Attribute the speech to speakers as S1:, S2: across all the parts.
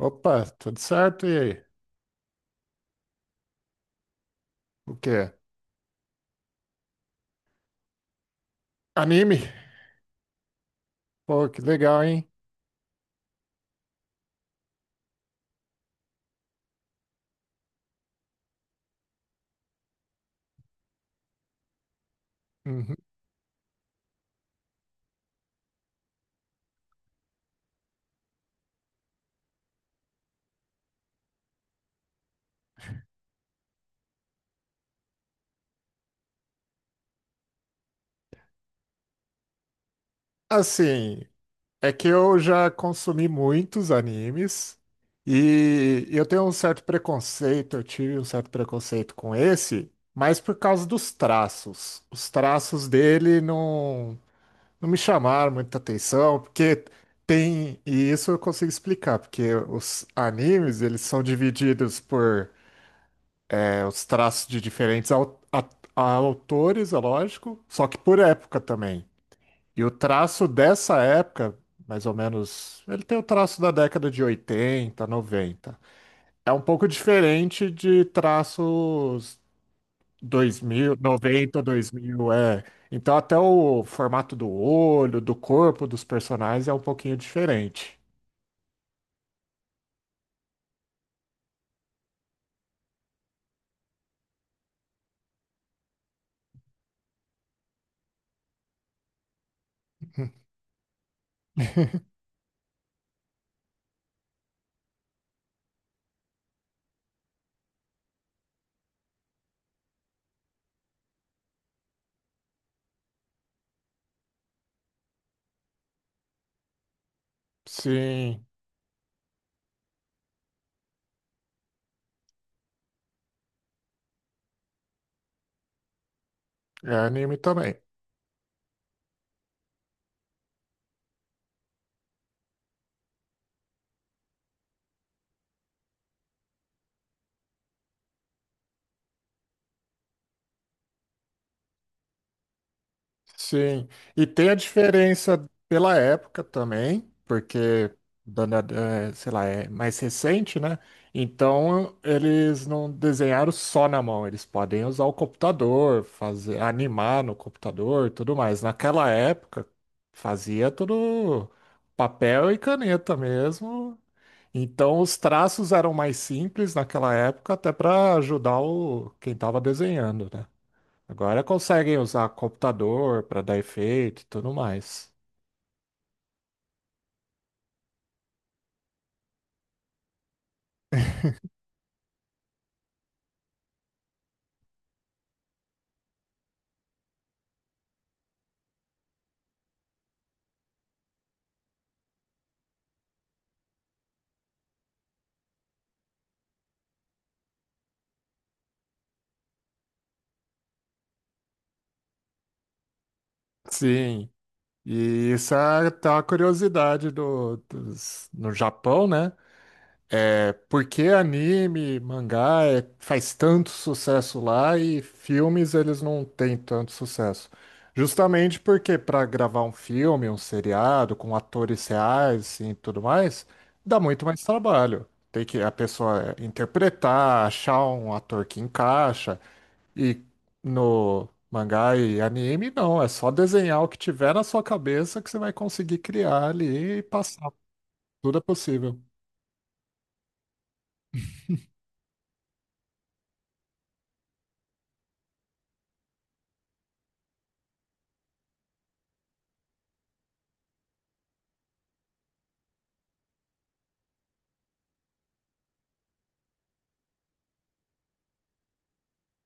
S1: Opa, tudo certo? E aí? O que é? Anime? Pô, que legal, hein? Uhum. Assim, é que eu já consumi muitos animes e eu tenho um certo preconceito, eu tive um certo preconceito com esse, mas por causa dos traços. Os traços dele não, não me chamaram muita atenção, porque tem, e isso eu consigo explicar, porque os animes, eles são divididos por. Os traços de diferentes autores, é lógico, só que por época também. E o traço dessa época, mais ou menos, ele tem o traço da década de 80, 90. É um pouco diferente de traços 2090, dois mil. Então até o formato do olho, do corpo dos personagens é um pouquinho diferente. Sim, é anime também. Sim, e tem a diferença pela época também, porque, dona- sei lá, é mais recente, né? Então eles não desenharam só na mão, eles podem usar o computador, fazer, animar no computador, e tudo mais. Naquela época fazia tudo papel e caneta mesmo. Então os traços eram mais simples naquela época, até para ajudar o quem estava desenhando, né? Agora conseguem usar computador para dar efeito e tudo mais. Sim, e isso é até uma curiosidade no Japão, né? É, por que anime, mangá faz tanto sucesso lá e filmes eles não têm tanto sucesso? Justamente porque para gravar um filme, um seriado com atores reais assim, e tudo mais, dá muito mais trabalho. Tem que a pessoa interpretar, achar um ator que encaixa. E no mangá e anime, não. É só desenhar o que tiver na sua cabeça que você vai conseguir criar ali e passar. Tudo é possível.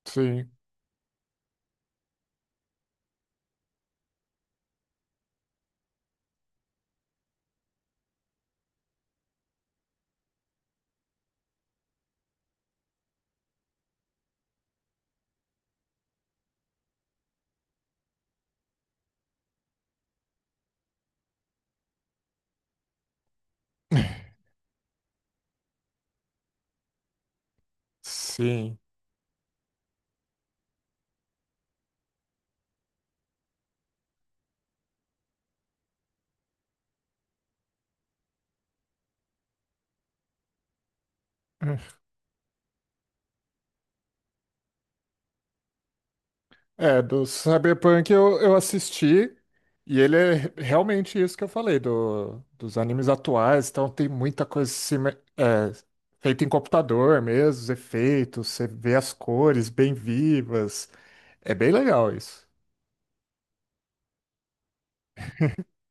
S1: Sim, sim. É, do Cyberpunk eu assisti e ele é realmente isso que eu falei, do, dos animes atuais. Então tem muita coisa é, feita em computador mesmo, os efeitos, você vê as cores bem vivas. É bem legal isso.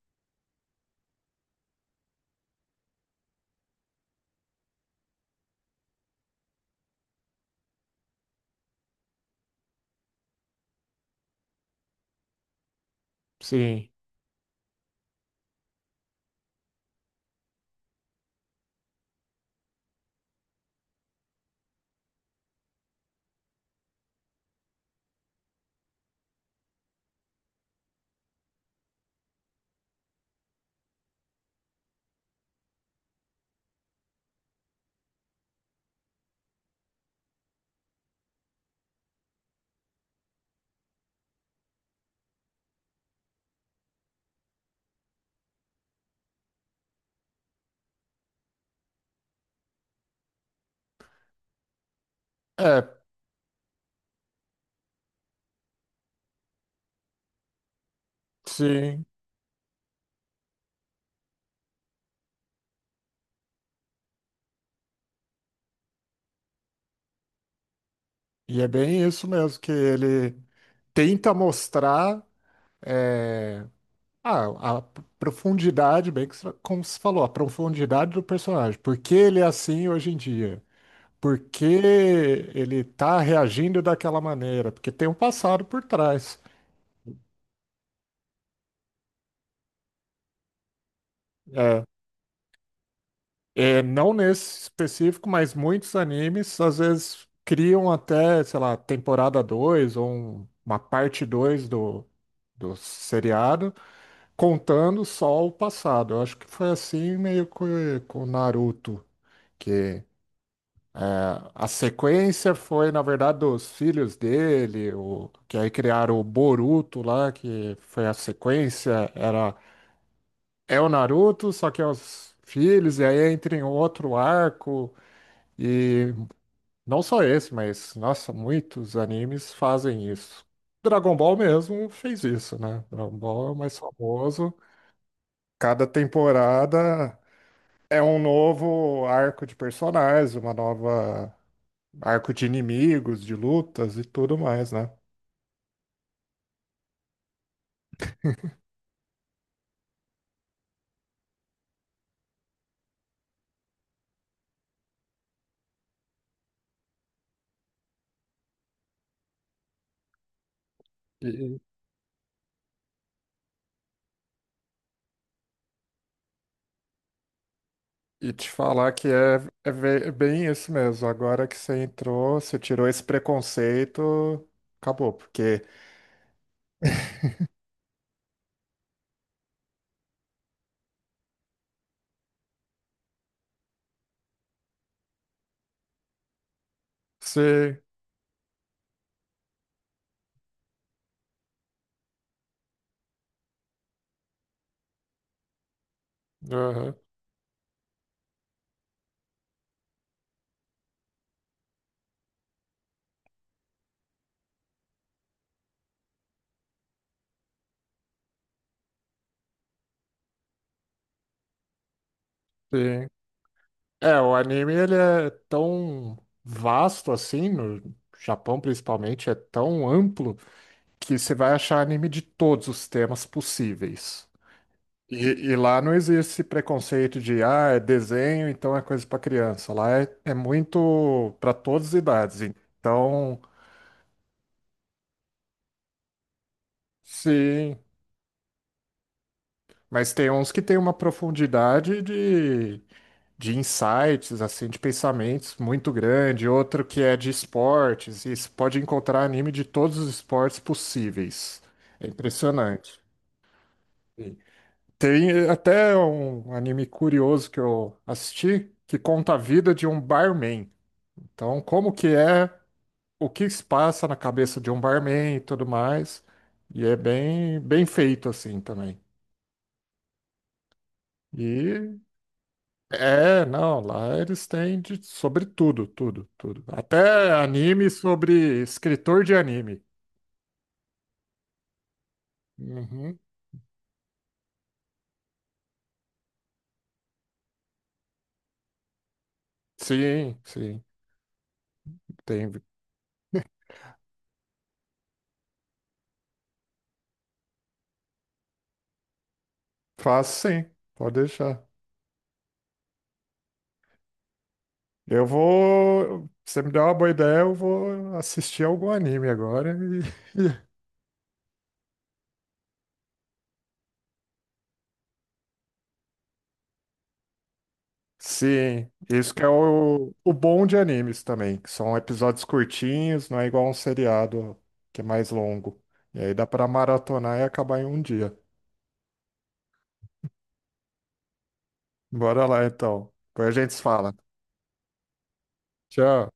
S1: Sim. É, sim. E é bem isso mesmo, que ele tenta mostrar é, a profundidade, bem que, como você falou, a profundidade do personagem. Por que ele é assim hoje em dia? Por que ele está reagindo daquela maneira? Porque tem um passado por trás. É, é, não nesse específico, mas muitos animes às vezes criam até, sei lá, temporada 2 ou uma parte 2 do, seriado contando só o passado. Eu acho que foi assim meio que com o Naruto, que a sequência foi, na verdade, dos filhos dele, o, que aí criaram o Boruto lá, que foi a sequência, era é o Naruto, só que é os filhos, e aí entra em outro arco, e não só esse, mas, nossa, muitos animes fazem isso. Dragon Ball mesmo fez isso, né? Dragon Ball é o mais famoso. Cada temporada é um novo arco de personagens, uma nova arco de inimigos, de lutas e tudo mais, né? E, e te falar que é bem isso mesmo. Agora que você entrou, você tirou esse preconceito, acabou, porque você. Aham, sim. É, o anime ele é tão vasto assim, no Japão principalmente, é tão amplo que você vai achar anime de todos os temas possíveis. E, e lá não existe esse preconceito de, ah, é desenho, então é coisa para criança. Lá é, é muito para todas as idades. Então, sim, mas tem uns que têm uma profundidade de insights, assim, de pensamentos muito grande, outro que é de esportes, e você pode encontrar anime de todos os esportes possíveis. É impressionante. Sim. Tem, eh, até um anime curioso que eu assisti que conta a vida de um barman. Então, como que é, o que se passa na cabeça de um barman e tudo mais. E é bem, bem feito assim também. E é, não, lá eles têm de, sobre tudo, tudo, tudo. Até anime sobre escritor de anime. Uhum. Sim, sim. Tem, faço sim, pode deixar. Eu vou. Você me deu uma boa ideia, eu vou assistir algum anime agora e, sim, isso que é o bom de animes também, que são episódios curtinhos, não é igual um seriado que é mais longo. E aí dá pra maratonar e acabar em um dia. Bora lá então. Depois a gente se fala. Tchau.